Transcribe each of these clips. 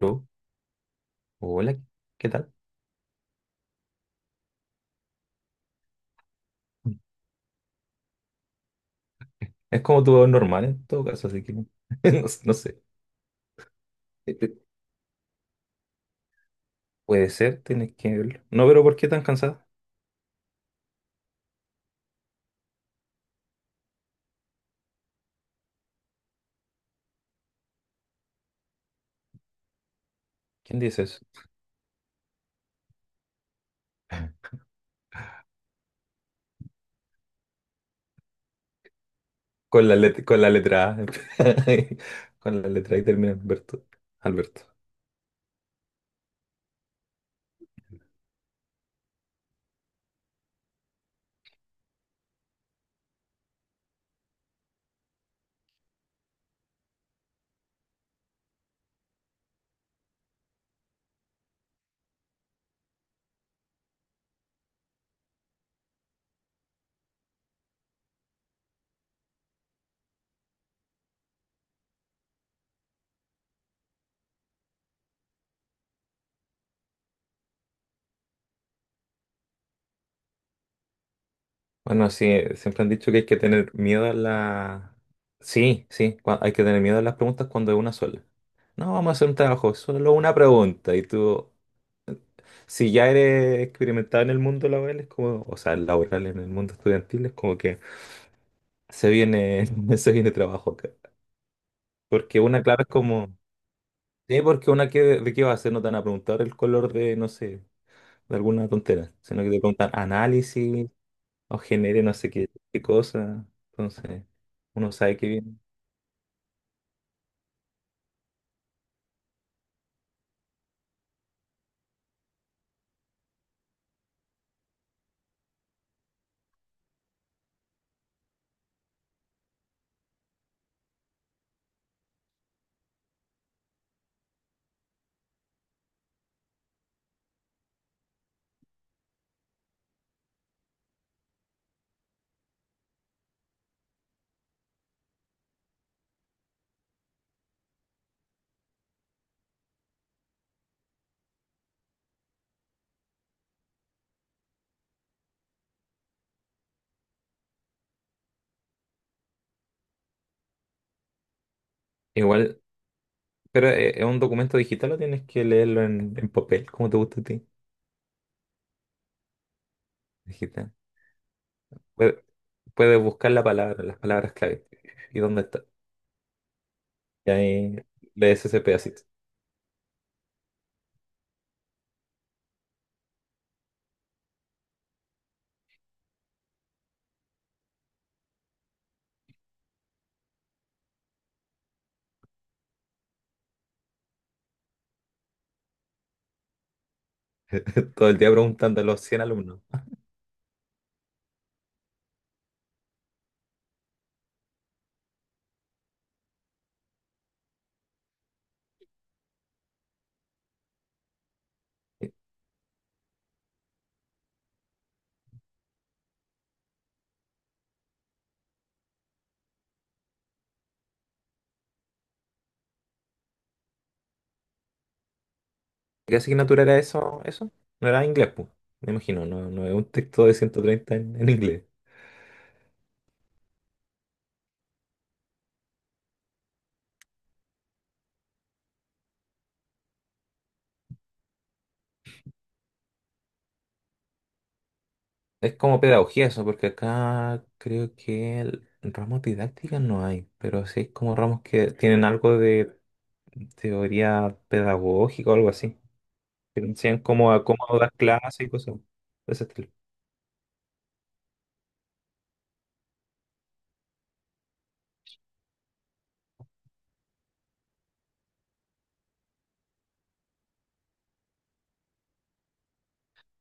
Aló. Hola, ¿qué tal? Es como tu voz normal en todo caso, así que no, sé. No sé. Puede ser, tienes que verlo. No, pero ¿por qué tan cansada? ¿Quién dice eso? Con la letra A. Con la letra A y termina Alberto. Alberto. Bueno, sí, siempre han dicho que hay que tener miedo a la... Sí, sí, hay que tener miedo a las preguntas cuando es una sola. No, vamos a hacer un trabajo, solo una pregunta. Y tú, si ya eres experimentado en el mundo laboral, es como, o sea, laboral en el mundo estudiantil, es como que se viene, se viene trabajo acá. Porque una, claro, es como, sí, porque una, que, ¿de qué va a hacer? No te van a preguntar el color de, no sé, de alguna tontera, sino que te preguntan análisis o genere no sé qué, qué cosa. Entonces, uno sabe que viene. Igual, pero ¿es un documento digital o tienes que leerlo en papel, como te gusta a ti? Digital. Puedes puedes buscar la palabra, las palabras clave. ¿Y dónde está? Y ahí lees ese pedacito. Todo el día preguntando a los 100 alumnos. ¿Qué asignatura era eso? ¿Eso? No era inglés, pues. Me imagino, no, no es un texto de 130 en inglés. Es como pedagogía eso, porque acá creo que ramos didácticas no hay, pero sí hay como ramos que tienen algo de teoría pedagógica o algo así. Que te enseñan cómo, cómo dar clases y cosas de ese estilo.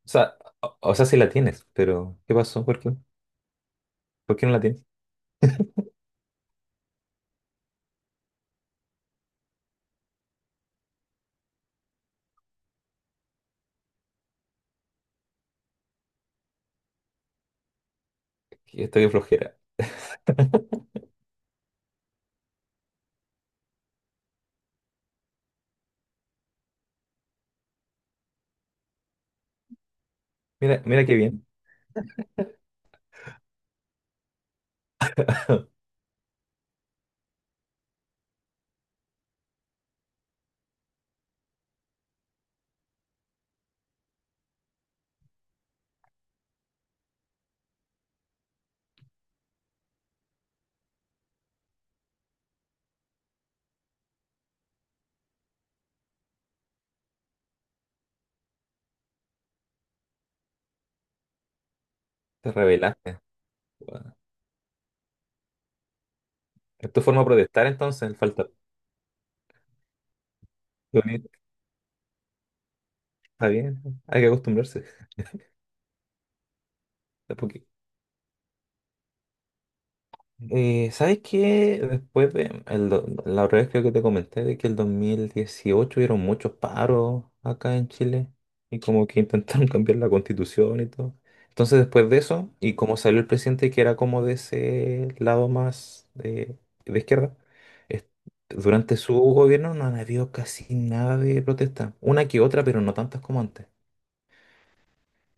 O sea, o sea, sí la tienes, pero ¿qué pasó? ¿Por qué? ¿Por qué no la tienes? Estoy flojera. Mira, mira qué bien, te revelaste, weón. Es tu forma de protestar entonces, el falta. Qué bonito. Está bien, hay que acostumbrarse. De a poquito. ¿Sabes qué? Después de, la otra vez creo que te comenté de que el 2018 hubieron muchos paros acá en Chile y como que intentaron cambiar la constitución y todo. Entonces después de eso, y como salió el presidente que era como de ese lado más de, izquierda, es- durante su gobierno no han habido casi nada de protesta. Una que otra, pero no tantas como antes.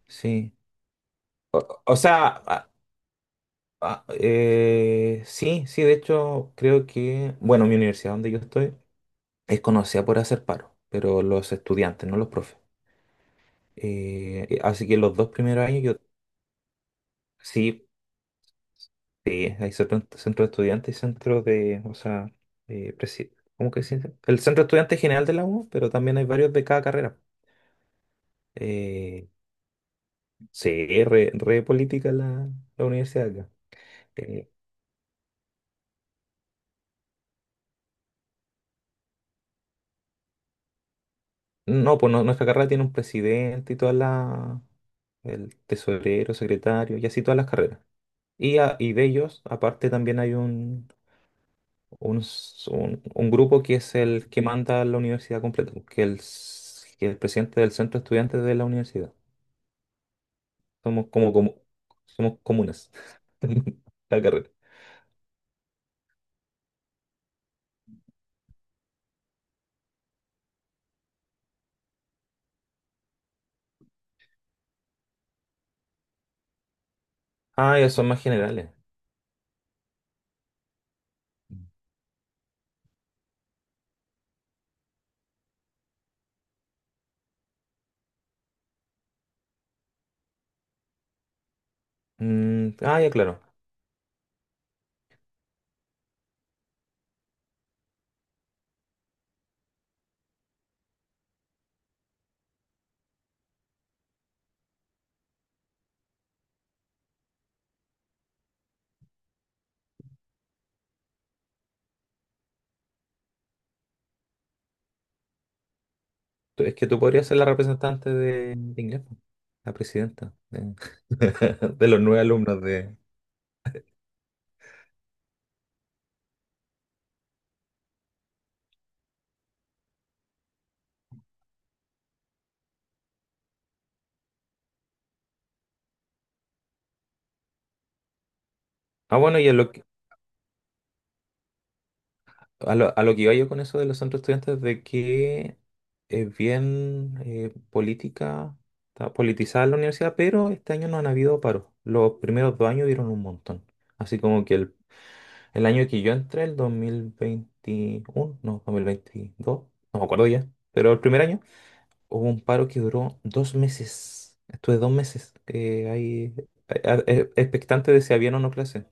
Sí. O, o sea, sí, sí, de hecho creo que, bueno, mi universidad donde yo estoy es conocida por hacer paro, pero los estudiantes, no los profes. Así que los dos primeros años yo, sí, hay centro, centro de estudiantes y centro de, o sea, eh, presi- ¿cómo que se dice? El centro de estudiantes general de la U, pero también hay varios de cada carrera. Eh, sí, re, re política la, la universidad acá. Eh, No, pues nuestra carrera tiene un presidente y toda la, el tesorero, secretario y así todas las carreras. Y, y de ellos, aparte, también hay un, un grupo que es el que manda la universidad completa, pues, que el, que el presidente del centro de estudiantes de la universidad. Somos como, somos comunas. La carrera. Ah, ya son más generales. Mm, ah, ya claro. Es que tú podrías ser la representante de inglés, po, la presidenta de, de los nueve alumnos de... Ah, bueno, y a lo que, a lo que iba yo con eso de los centros de estudiantes, de que es bien política, está politizada la universidad, pero este año no han habido paros. Los primeros dos años dieron un montón. Así como que el año que yo entré, el 2021 no, 2022 no me acuerdo ya, pero el primer año hubo un paro que duró dos meses. Estuve dos meses ahí expectante de si habían o no clase.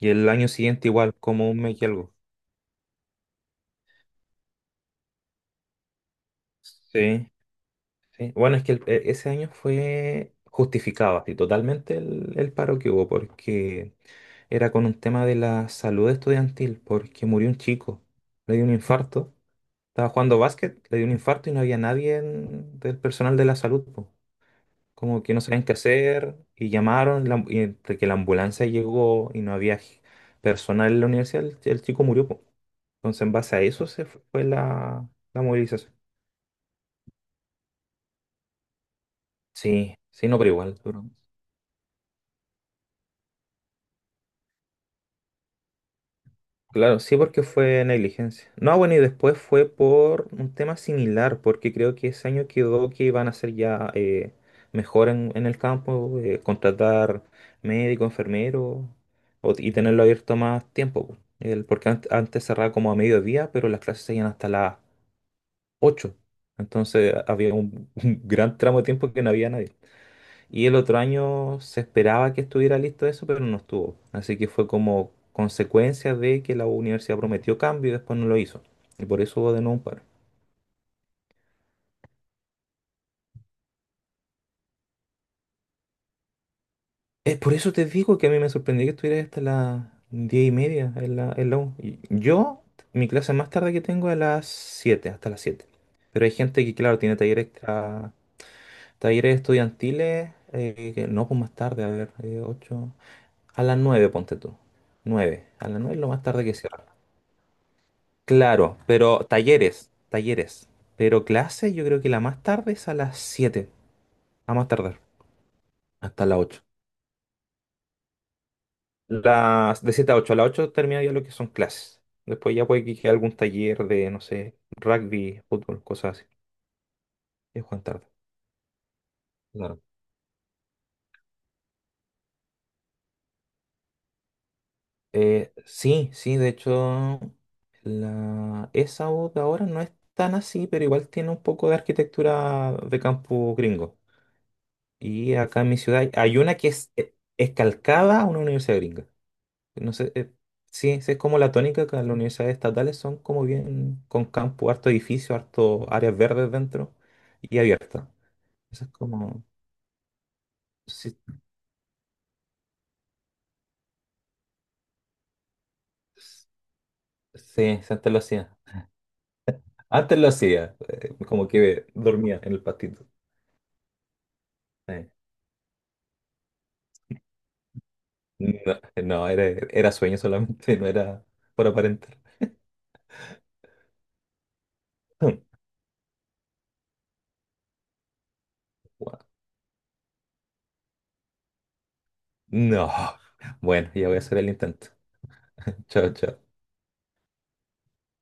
Y el año siguiente igual, como un mes y algo. Sí, sí. Bueno, es que ese año fue justificado así totalmente el paro que hubo porque era con un tema de la salud estudiantil, porque murió un chico, le dio un infarto. Estaba jugando básquet, le dio un infarto y no había nadie del personal de la salud, po. Como que no sabían qué hacer y llamaron, la y entre que la ambulancia llegó y no había personal en la universidad, el chico murió, po. Entonces, en base a eso se fue la, la movilización. Sí, sí, no, pero igual, duro. Claro, sí, porque fue negligencia. No, bueno, y después fue por un tema similar, porque creo que ese año quedó que iban a ser ya mejor en el campo, contratar médico, enfermero y tenerlo abierto más tiempo, po. El, porque antes cerraba como a mediodía, pero las clases seguían hasta las ocho. Entonces había un, un gran tramo de tiempo que no había nadie. Y el otro año se esperaba que estuviera listo eso, pero no estuvo. Así que fue como consecuencia de que la universidad prometió cambio y después no lo hizo. Y por eso hubo de nuevo un paro. Es por eso te digo que a mí me sorprendió que estuviera hasta las diez y media en la U. Y yo, mi clase más tarde que tengo es a las siete, hasta las 7. Pero hay gente que, claro, tiene talleres extra, talleres estudiantiles, que no, pues más tarde, a ver, ocho, a las 9 ponte tú. Nueve A las 9 es lo más tarde que se... Claro, pero talleres, talleres. Pero clase yo creo que la más tarde es a las 7, a más tardar, hasta las 8. Las, de 7 a 8, a las 8 termina ya lo que son clases. Después ya puede que quede algún taller de, no sé, rugby, fútbol, cosas así. Es Juan tarde. Claro. Sí, sí, de hecho, la, esa voz de ahora no es tan así, pero igual tiene un poco de arquitectura de campo gringo. Y acá en mi ciudad hay una que es calcada a una universidad gringa. No sé, sí, sí, es como la tónica que en las universidades estatales son como bien con campo, harto edificio, harto áreas verdes dentro y abiertas. Eso es como... Sí, sí, antes lo hacía. Antes lo hacía, como que dormía en el patito. Eh, No, no, era, era sueño solamente, no era por aparentar. Guau. No. Bueno, ya voy a hacer el intento. Chao, chao.